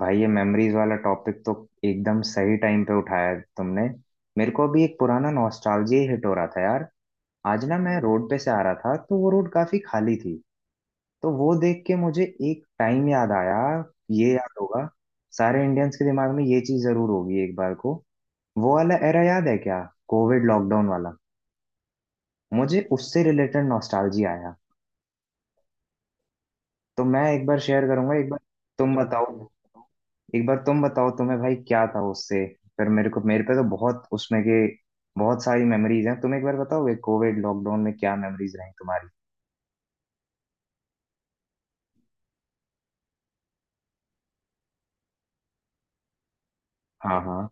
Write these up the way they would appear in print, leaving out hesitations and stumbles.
भाई ये मेमोरीज वाला टॉपिक तो एकदम सही टाइम पे उठाया तुमने। मेरे को अभी एक पुराना नॉस्टैल्जिया हिट हो रहा था यार। आज ना मैं रोड पे से आ रहा था, तो वो रोड काफी खाली थी। तो वो देख के मुझे एक टाइम याद आया। ये याद होगा, सारे इंडियंस के दिमाग में ये चीज जरूर होगी एक बार को। वो वाला एरा याद है क्या? कोविड लॉकडाउन वाला। मुझे उससे रिलेटेड नॉस्टैल्जिया आया। तो मैं एक बार शेयर करूंगा। एक बार तुम बताओ, एक बार तुम बताओ तुम्हें भाई क्या था उससे, फिर मेरे को, मेरे पे तो बहुत उसमें के बहुत सारी मेमोरीज हैं। तुम एक बार बताओगे कोविड लॉकडाउन में क्या मेमोरीज रही तुम्हारी। हाँ, हाँ।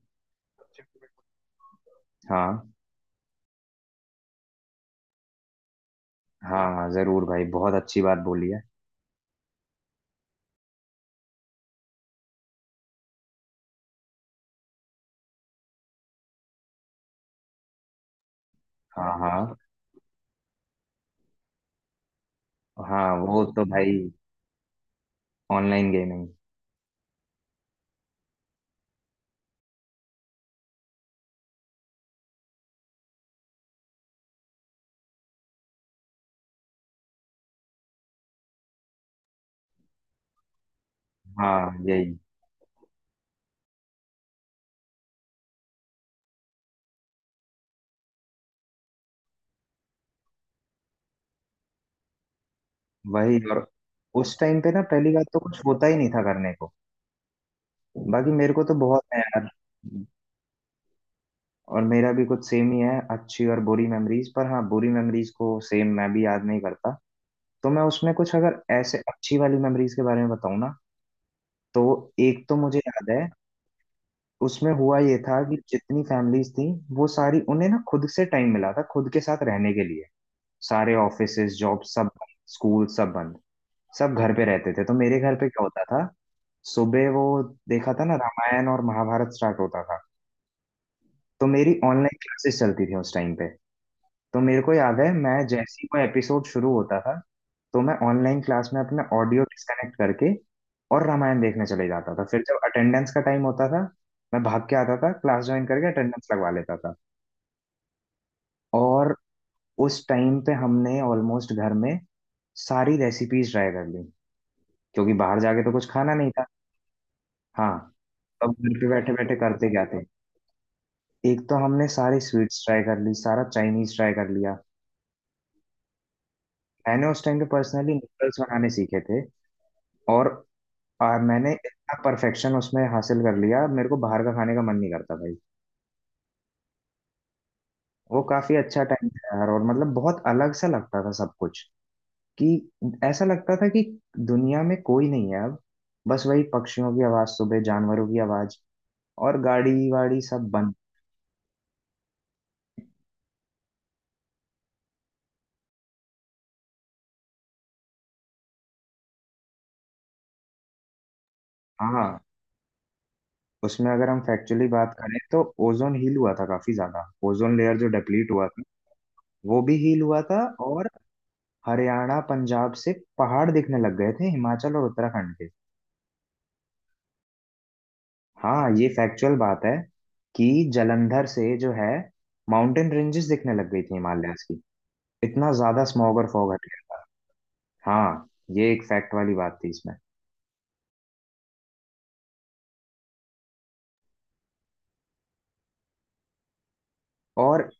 हाँ। हाँ, हाँ जरूर भाई, बहुत अच्छी बात बोली है। हाँ, हाँ। हाँ, वो तो भाई ऑनलाइन गेमिंग। हाँ, यही। वही, और उस टाइम पे ना पहली बात तो कुछ होता ही नहीं था करने को। बाकी मेरे को तो बहुत है यार। और मेरा भी कुछ सेम ही है अच्छी और बुरी मेमोरीज पर। हाँ, बुरी मेमोरीज को सेम मैं भी याद नहीं करता। तो मैं उसमें कुछ अगर ऐसे अच्छी वाली मेमोरीज के बारे में बताऊँ ना, तो एक तो मुझे याद है, उसमें हुआ ये था कि जितनी फैमिलीज थी, वो सारी, उन्हें ना खुद से टाइम मिला था खुद के साथ रहने के लिए। सारे ऑफिसेज, जॉब सब बंद, स्कूल सब बंद, सब घर पे रहते थे। तो मेरे घर पे क्या होता था, सुबह वो देखा था ना, रामायण और महाभारत स्टार्ट होता था। तो मेरी ऑनलाइन क्लासेस चलती थी उस टाइम पे। तो मेरे को याद है, मैं जैसे ही कोई एपिसोड शुरू होता था तो मैं ऑनलाइन क्लास में अपना ऑडियो डिस्कनेक्ट करके और रामायण देखने चले जाता था। फिर जब अटेंडेंस का टाइम होता था, मैं भाग के आता था, क्लास ज्वाइन करके अटेंडेंस लगवा लेता था। और उस टाइम पे हमने ऑलमोस्ट घर में सारी रेसिपीज ट्राई कर ली, क्योंकि बाहर जाके तो कुछ खाना नहीं था। हाँ। अब घर पे बैठे बैठे करते क्या थे। एक तो हमने सारी स्वीट्स ट्राई कर ली, सारा चाइनीज ट्राई कर लिया। मैंने उस टाइम पे पर्सनली नूडल्स बनाने सीखे थे। और मैंने इतना परफेक्शन उसमें हासिल कर लिया, मेरे को बाहर का खाने का मन नहीं करता भाई। वो काफी अच्छा टाइम था यार, और मतलब बहुत अलग सा लगता था सब कुछ। कि ऐसा लगता था कि दुनिया में कोई नहीं है अब। बस वही पक्षियों की आवाज, सुबह जानवरों की आवाज, और गाड़ी वाड़ी सब बंद। हाँ, उसमें अगर हम फैक्चुअली बात करें तो ओजोन हील हुआ था काफी ज्यादा। ओजोन लेयर जो डिप्लीट हुआ था, वो भी हील हुआ था। और हरियाणा, पंजाब से पहाड़ दिखने लग गए थे, हिमाचल और उत्तराखंड के। हाँ, ये फैक्चुअल बात है कि जलंधर से जो है माउंटेन रेंजेस दिखने लग गई थी हिमालयाज की। इतना ज्यादा स्मॉग और फॉग हट गया था। हाँ, ये एक फैक्ट वाली बात थी इसमें। और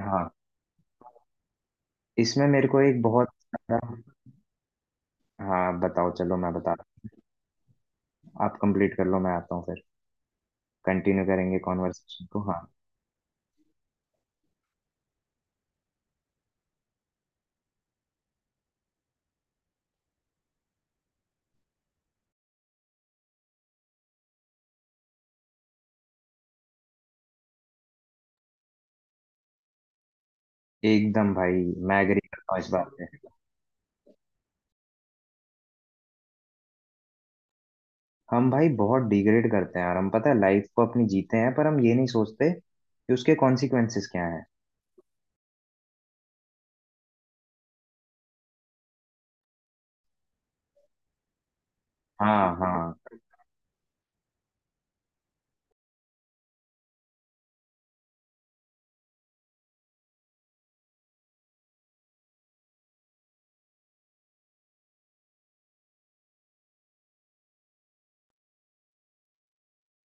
हाँ, इसमें मेरे को एक बहुत ज्यादा- हाँ बताओ, चलो मैं बता, आप कंप्लीट कर लो, मैं आता हूँ, फिर कंटिन्यू करेंगे कॉन्वर्सेशन को। हाँ, एकदम भाई, मैं एग्री करता हूँ इस बात पे। हम भाई बहुत डिग्रेड करते हैं यार हम, पता है लाइफ को अपनी जीते हैं, पर हम ये नहीं सोचते कि उसके कॉन्सिक्वेंसेस क्या हैं। हाँ, हाँ।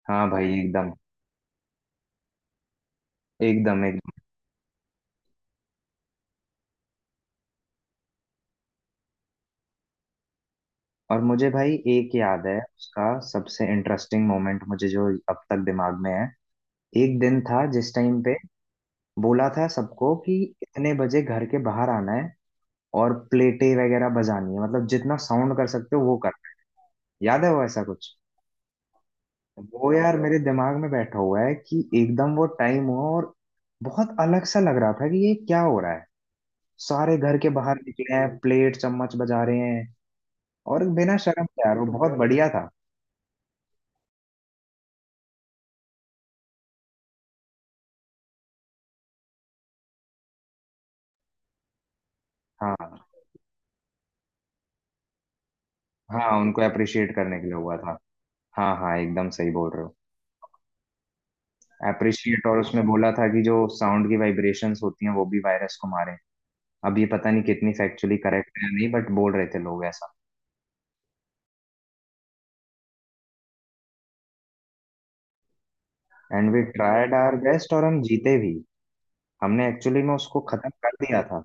हाँ भाई, एकदम एकदम एकदम। और मुझे भाई एक याद है, उसका सबसे इंटरेस्टिंग मोमेंट मुझे, जो अब तक दिमाग में है। एक दिन था जिस टाइम पे बोला था सबको कि इतने बजे घर के बाहर आना है और प्लेटें वगैरह बजानी है, मतलब जितना साउंड कर सकते हो वो कर। याद है वो, ऐसा कुछ। वो यार मेरे दिमाग में बैठा हुआ है कि एकदम वो टाइम हुआ, और बहुत अलग सा लग रहा था कि ये क्या हो रहा है। सारे घर के बाहर निकले हैं, प्लेट चम्मच बजा रहे हैं, और बिना शर्म के। यार वो बहुत बढ़िया था। हाँ। हाँ, उनको अप्रिशिएट करने के लिए हुआ था। हाँ, हाँ एकदम सही बोल रहे हो। अप्रिशिएट, और उसमें बोला था कि जो साउंड की वाइब्रेशंस होती हैं वो भी वायरस को मारे। अब ये पता नहीं कितनी फैक्चुअली करेक्ट है या नहीं, बट बोल रहे थे लोग ऐसा। And we tried our best, और हम जीते भी। हमने एक्चुअली में उसको खत्म कर दिया था।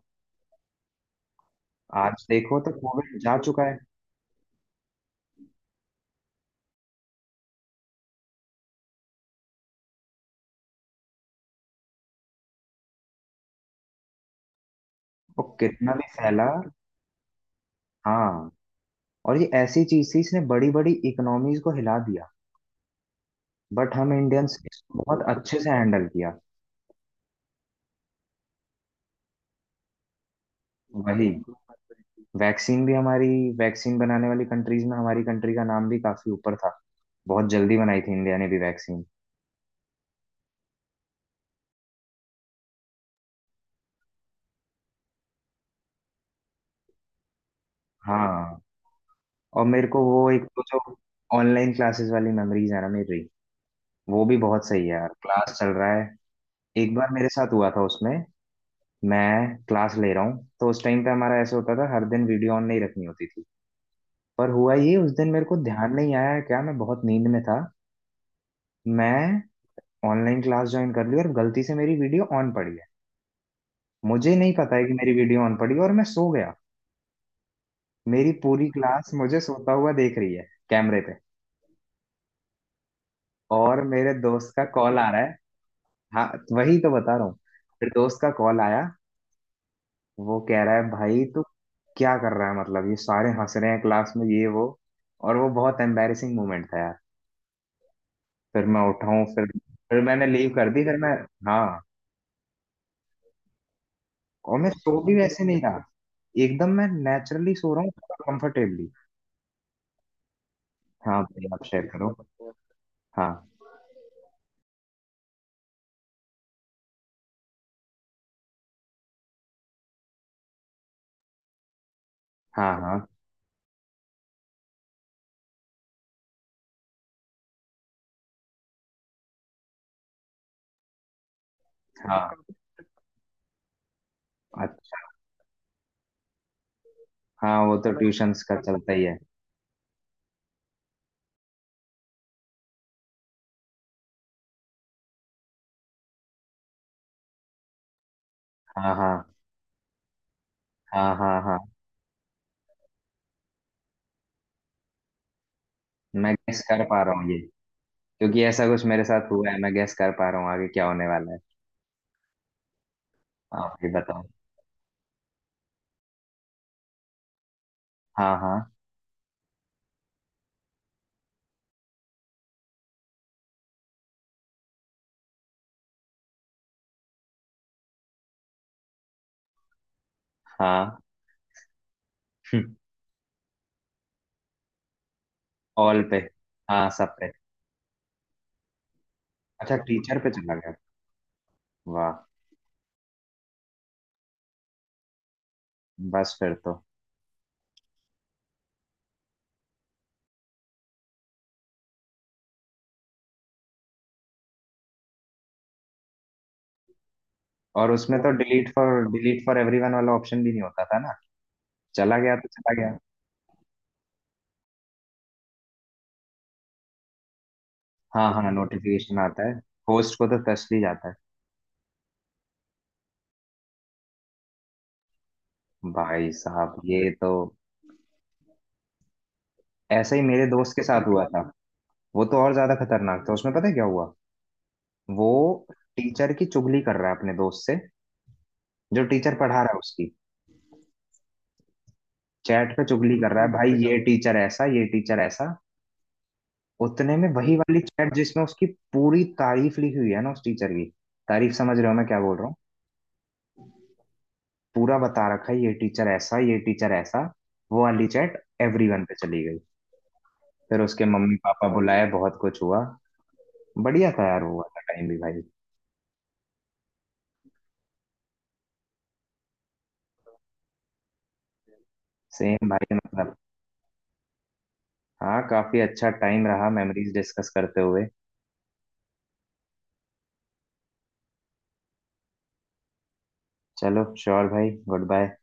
आज देखो तो कोविड जा चुका है, वो कितना भी फैला। हाँ, और ये ऐसी चीज थी, इसने बड़ी बड़ी इकोनॉमीज को हिला दिया। बट हम इंडियंस बहुत अच्छे से हैंडल किया। वही, वैक्सीन भी हमारी, वैक्सीन बनाने वाली कंट्रीज में हमारी कंट्री का नाम भी काफी ऊपर था। बहुत जल्दी बनाई थी इंडिया ने भी वैक्सीन। हाँ, और मेरे को वो एक तो जो ऑनलाइन क्लासेस वाली मेमोरीज है ना मेरी, वो भी बहुत सही है यार। क्लास चल रहा है, एक बार मेरे साथ हुआ था उसमें, मैं क्लास ले रहा हूँ, तो उस टाइम पे हमारा ऐसा होता था, हर दिन वीडियो ऑन नहीं रखनी होती थी। पर हुआ ये, उस दिन मेरे को ध्यान नहीं आया क्या, मैं बहुत नींद में था। मैं ऑनलाइन क्लास ज्वाइन कर ली और गलती से मेरी वीडियो ऑन पड़ी है। मुझे नहीं पता है कि मेरी वीडियो ऑन पड़ी, और मैं सो गया। मेरी पूरी क्लास मुझे सोता हुआ देख रही है कैमरे पे, और मेरे दोस्त का कॉल आ रहा है। हाँ, वही तो बता रहा हूँ। फिर दोस्त का कॉल आया, वो कह रहा है भाई तू क्या कर रहा है, मतलब ये सारे हंस रहे हैं क्लास में ये वो। और वो बहुत एम्बैरेसिंग मोमेंट था यार। फिर मैं उठा हूँ, फिर मैंने लीव कर दी, फिर मैं, हाँ। और मैं सो भी वैसे नहीं रहा, एकदम मैं नेचुरली सो रहा हूँ, कंफर्टेबली। हाँ भाई आप शेयर करो। हाँ, हाँ। हाँ, हाँ। अच्छा। हाँ, वो तो मैं ट्यूशंस का कर चलता सकता ही है। हाँ, हाँ। हाँ, हाँ, हाँ। मैं गेस कर पा रहा हूँ ये, क्योंकि ऐसा कुछ मेरे साथ हुआ है। मैं गेस कर पा रहा हूँ आगे क्या होने वाला है। आप ही बताओ। हाँ, हाँ, हाँ। ऑल पे? हाँ, सब पे? अच्छा, टीचर पे चला गया। वाह, बस फिर तो। और उसमें तो delete for, delete for everyone वाला ऑप्शन भी नहीं होता था ना, चला गया तो चला गया। हाँ, हाँ, नोटिफिकेशन आता है, होस्ट को तो टच भी जाता है। भाई साहब, ये तो ऐसा ही मेरे दोस्त के साथ हुआ था। वो तो और ज्यादा खतरनाक था, उसमें पता है क्या हुआ। वो टीचर की चुगली कर रहा है अपने दोस्त से, जो टीचर पढ़ा रहा है उसकी। चैट पे चुगली कर रहा है भाई, ये गजब, टीचर ऐसा, ये टीचर ऐसा। उतने में वही वाली चैट जिसमें उसकी पूरी तारीफ लिखी हुई है ना उस टीचर की। तारीफ, समझ रहे हो मैं क्या बोल रहा हूँ। पूरा बता रखा है, ये टीचर ऐसा, ये टीचर ऐसा। वो वाली चैट एवरीवन पे चली गई। फिर उसके मम्मी पापा बुलाए, बहुत कुछ हुआ। बढ़िया था यार वो वाला टाइम भी भाई। सेम भाई, मतलब। हाँ, काफी अच्छा टाइम रहा मेमोरीज डिस्कस करते हुए। चलो श्योर भाई, गुड बाय।